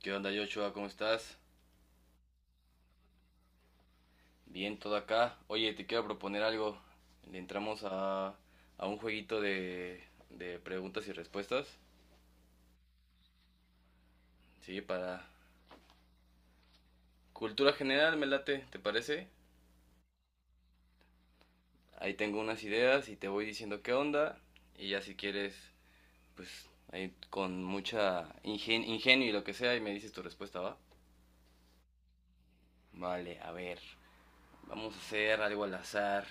¿Qué onda, Joshua? ¿Cómo estás? Bien, todo acá. Oye, te quiero proponer algo. Le entramos a un jueguito de preguntas y respuestas. Sí, para cultura general, me late, ¿te parece? Ahí tengo unas ideas y te voy diciendo qué onda. Y ya si quieres, pues ahí con mucha ingenio y lo que sea, y me dices tu respuesta, ¿va? Vale, a ver. Vamos a hacer algo al azar.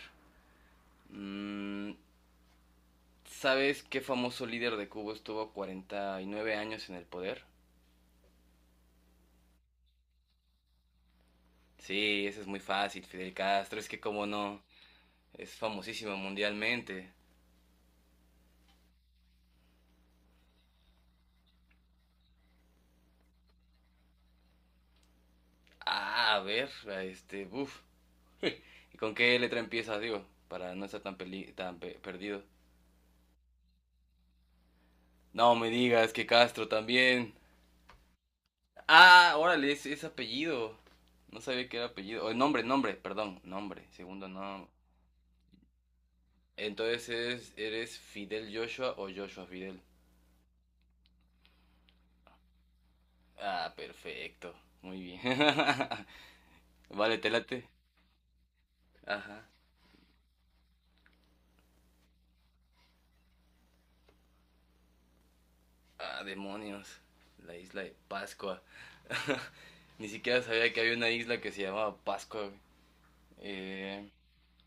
Mm, ¿Sabes qué famoso líder de Cuba estuvo 49 años en el poder? Sí, eso es muy fácil, Fidel Castro. Es que cómo no, es famosísimo mundialmente. Ah, a ver, uff. ¿Y con qué letra empieza, digo? Para no estar tan, perdido. No me digas que Castro también. Ah, órale, es apellido. No sabía que era apellido. O perdón, nombre, segundo nombre. Entonces, ¿eres Fidel Joshua o Joshua Fidel? Ah, perfecto. Muy bien. Vale, te late. Ajá. Ah, demonios. La isla de Pascua. Ni siquiera sabía que había una isla que se llamaba Pascua. Güey. Eh,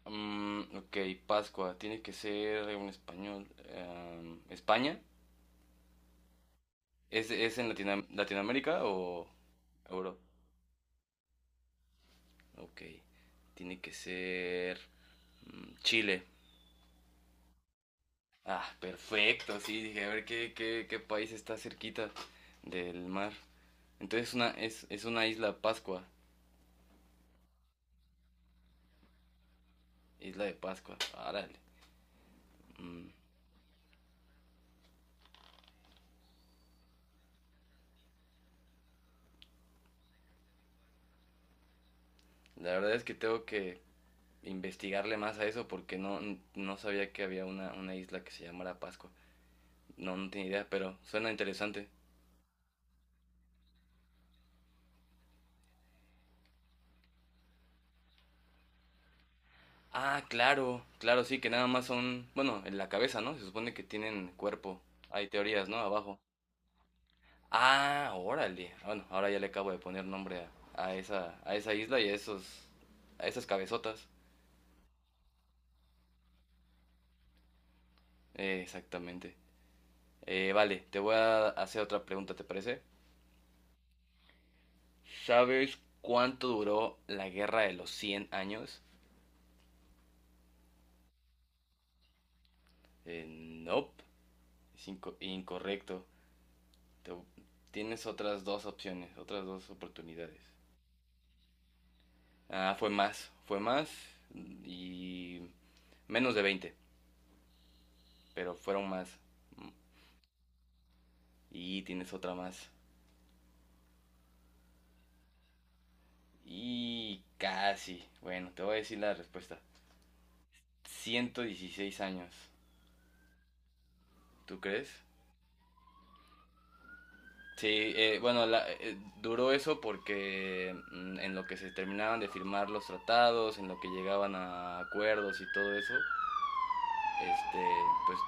ok, Pascua. Tiene que ser en español. ¿España? Es en Latinoamérica o Europa? Ok. Tiene que ser Chile. Ah, perfecto, sí, dije, a ver qué país está cerquita del mar. Entonces es una isla Pascua, isla de Pascua, árale. Mm, La verdad es que tengo que investigarle más a eso porque no, no sabía que había una isla que se llamara Pascua. No, no tenía idea, pero suena interesante. Ah, claro, claro, sí, que nada más son, bueno, en la cabeza, ¿no? Se supone que tienen cuerpo. Hay teorías, ¿no? Abajo. Ah, órale. Ah, bueno, ahora ya le acabo de poner nombre a esa isla y a esos, a esas cabezotas. Exactamente. Vale, te voy a hacer otra pregunta, ¿te parece? ¿Sabes cuánto duró la guerra de los 100 años? Nope, es incorrecto. Te- tienes otras dos opciones, otras dos oportunidades. Ah, fue más y menos de 20, pero fueron más. Y tienes otra más. Y casi. Bueno, te voy a decir la respuesta. 116 años. ¿Tú crees? Sí, bueno, duró eso porque en lo que se terminaban de firmar los tratados, en lo que llegaban a acuerdos y todo eso, este, pues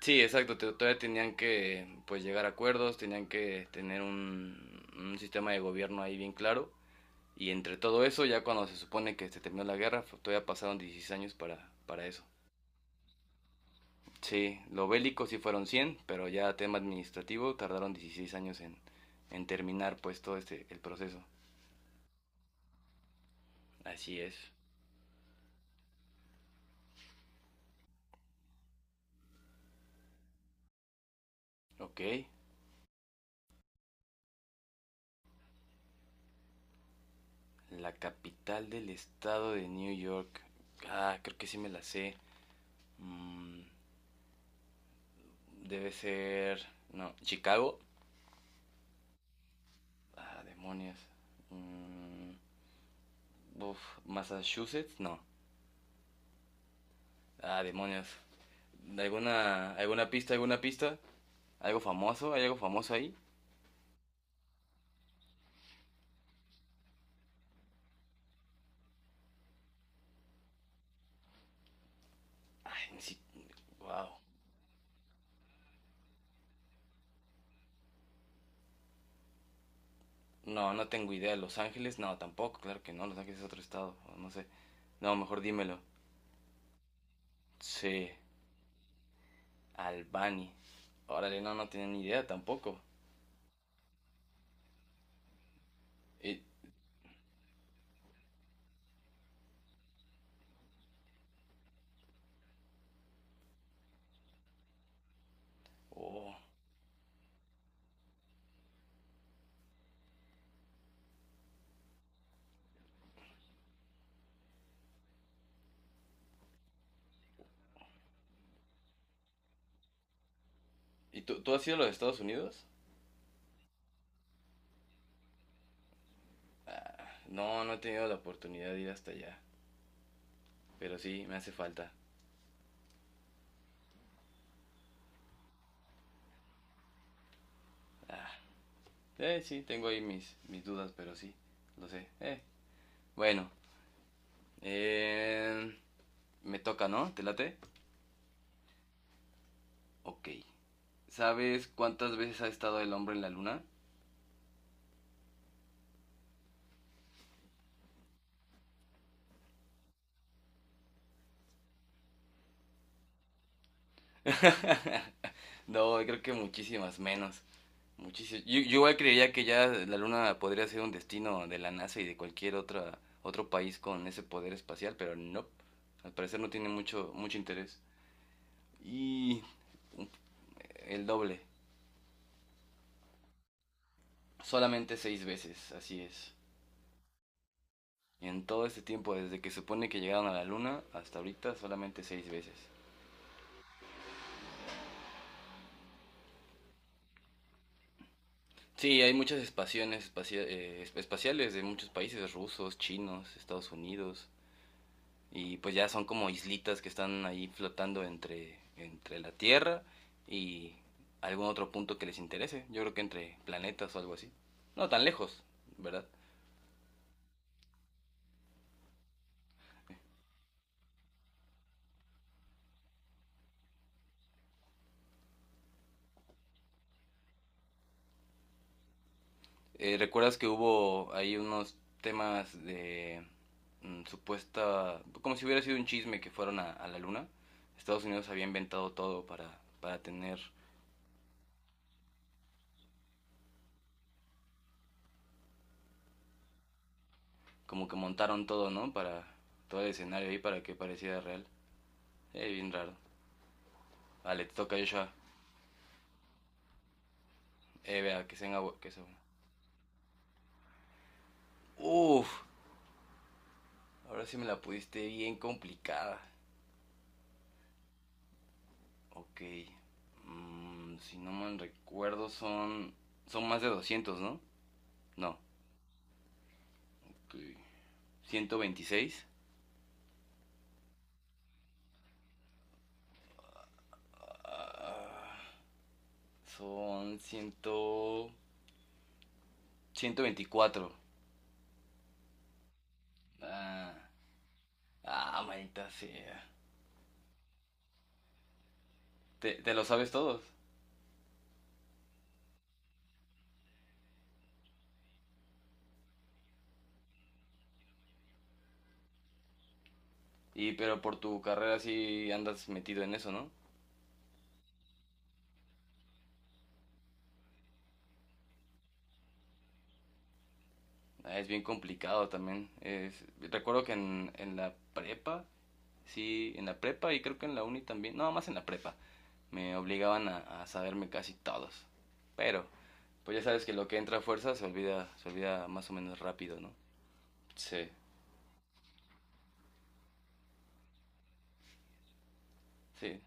sí, exacto, todavía tenían que pues llegar a acuerdos, tenían que tener un sistema de gobierno ahí bien claro. Y entre todo eso, ya cuando se supone que se terminó la guerra, todavía pasaron 16 años para eso. Sí, lo bélico sí fueron 100 pero ya tema administrativo tardaron 16 años en terminar pues todo este el proceso. Así es. Ok, la capital del estado de New York. Ah, creo que sí me la sé. Mm, debe ser... No, Chicago. Ah, demonios. Mm, uf, Massachusetts, no. Ah, demonios. ¿Alguna, alguna pista, alguna pista? ¿Algo famoso? ¿Hay algo famoso ahí? Ay, sí. Wow. No, no tengo idea. ¿Los Ángeles? No, tampoco, claro que no. Los Ángeles es otro estado, no sé. No, mejor dímelo. Sí, Albany. Órale, no, no tenía ni idea tampoco. Y, oh. ¿Y tú has ido a los Estados Unidos? No, no he tenido la oportunidad de ir hasta allá. Pero sí, me hace falta. Sí, tengo ahí mis, mis dudas, pero sí, lo sé. Bueno, eh, me toca, ¿no? ¿Te late? Ok. ¿Sabes cuántas veces ha estado el hombre en la luna? No, creo que muchísimas menos. Muchísimas. Yo igual creería que ya la Luna podría ser un destino de la NASA y de cualquier otra, otro país con ese poder espacial, pero no. Al parecer no tiene mucho, mucho interés. Y el doble. Solamente 6 veces, así es. Y en todo este tiempo, desde que supone que llegaron a la Luna hasta ahorita, solamente 6 veces. Sí, hay muchas espaciales de muchos países, rusos, chinos, Estados Unidos, y pues ya son como islitas que están ahí flotando entre, entre la Tierra y algún otro punto que les interese. Yo creo que entre planetas o algo así. No tan lejos, ¿verdad? ¿Recuerdas que hubo ahí unos temas de supuesta... como si hubiera sido un chisme que fueron a la Luna? Estados Unidos había inventado todo para tener... Como que montaron todo, ¿no? Para todo el escenario ahí para que pareciera real. Bien raro. Vale, te toca, Joshua. Vea, que se... Uf, ahora sí me la pudiste bien complicada. Ok. Si no mal recuerdo, son. Son más de 200, ¿no? No. Okay. 126. Ah, son cien... 124. Ah, ah maldita sea. Te lo sabes todos. Y pero por tu carrera sí andas metido en eso, ¿no? Ah, es bien complicado también. Recuerdo que en la prepa, sí, en la prepa y creo que en la uni también, no, más en la prepa, me obligaban a saberme casi todos. Pero, pues ya sabes que lo que entra a fuerza se olvida más o menos rápido, ¿no? Sí, sí.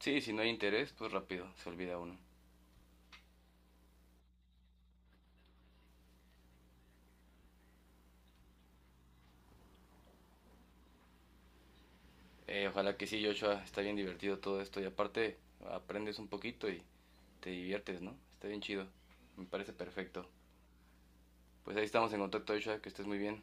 Sí, si no hay interés, pues rápido, se olvida uno. Ojalá que sí, Joshua, está bien divertido todo esto y aparte aprendes un poquito y te diviertes, ¿no? Está bien chido, me parece perfecto. Pues ahí estamos en contacto, Joshua, que estés muy bien.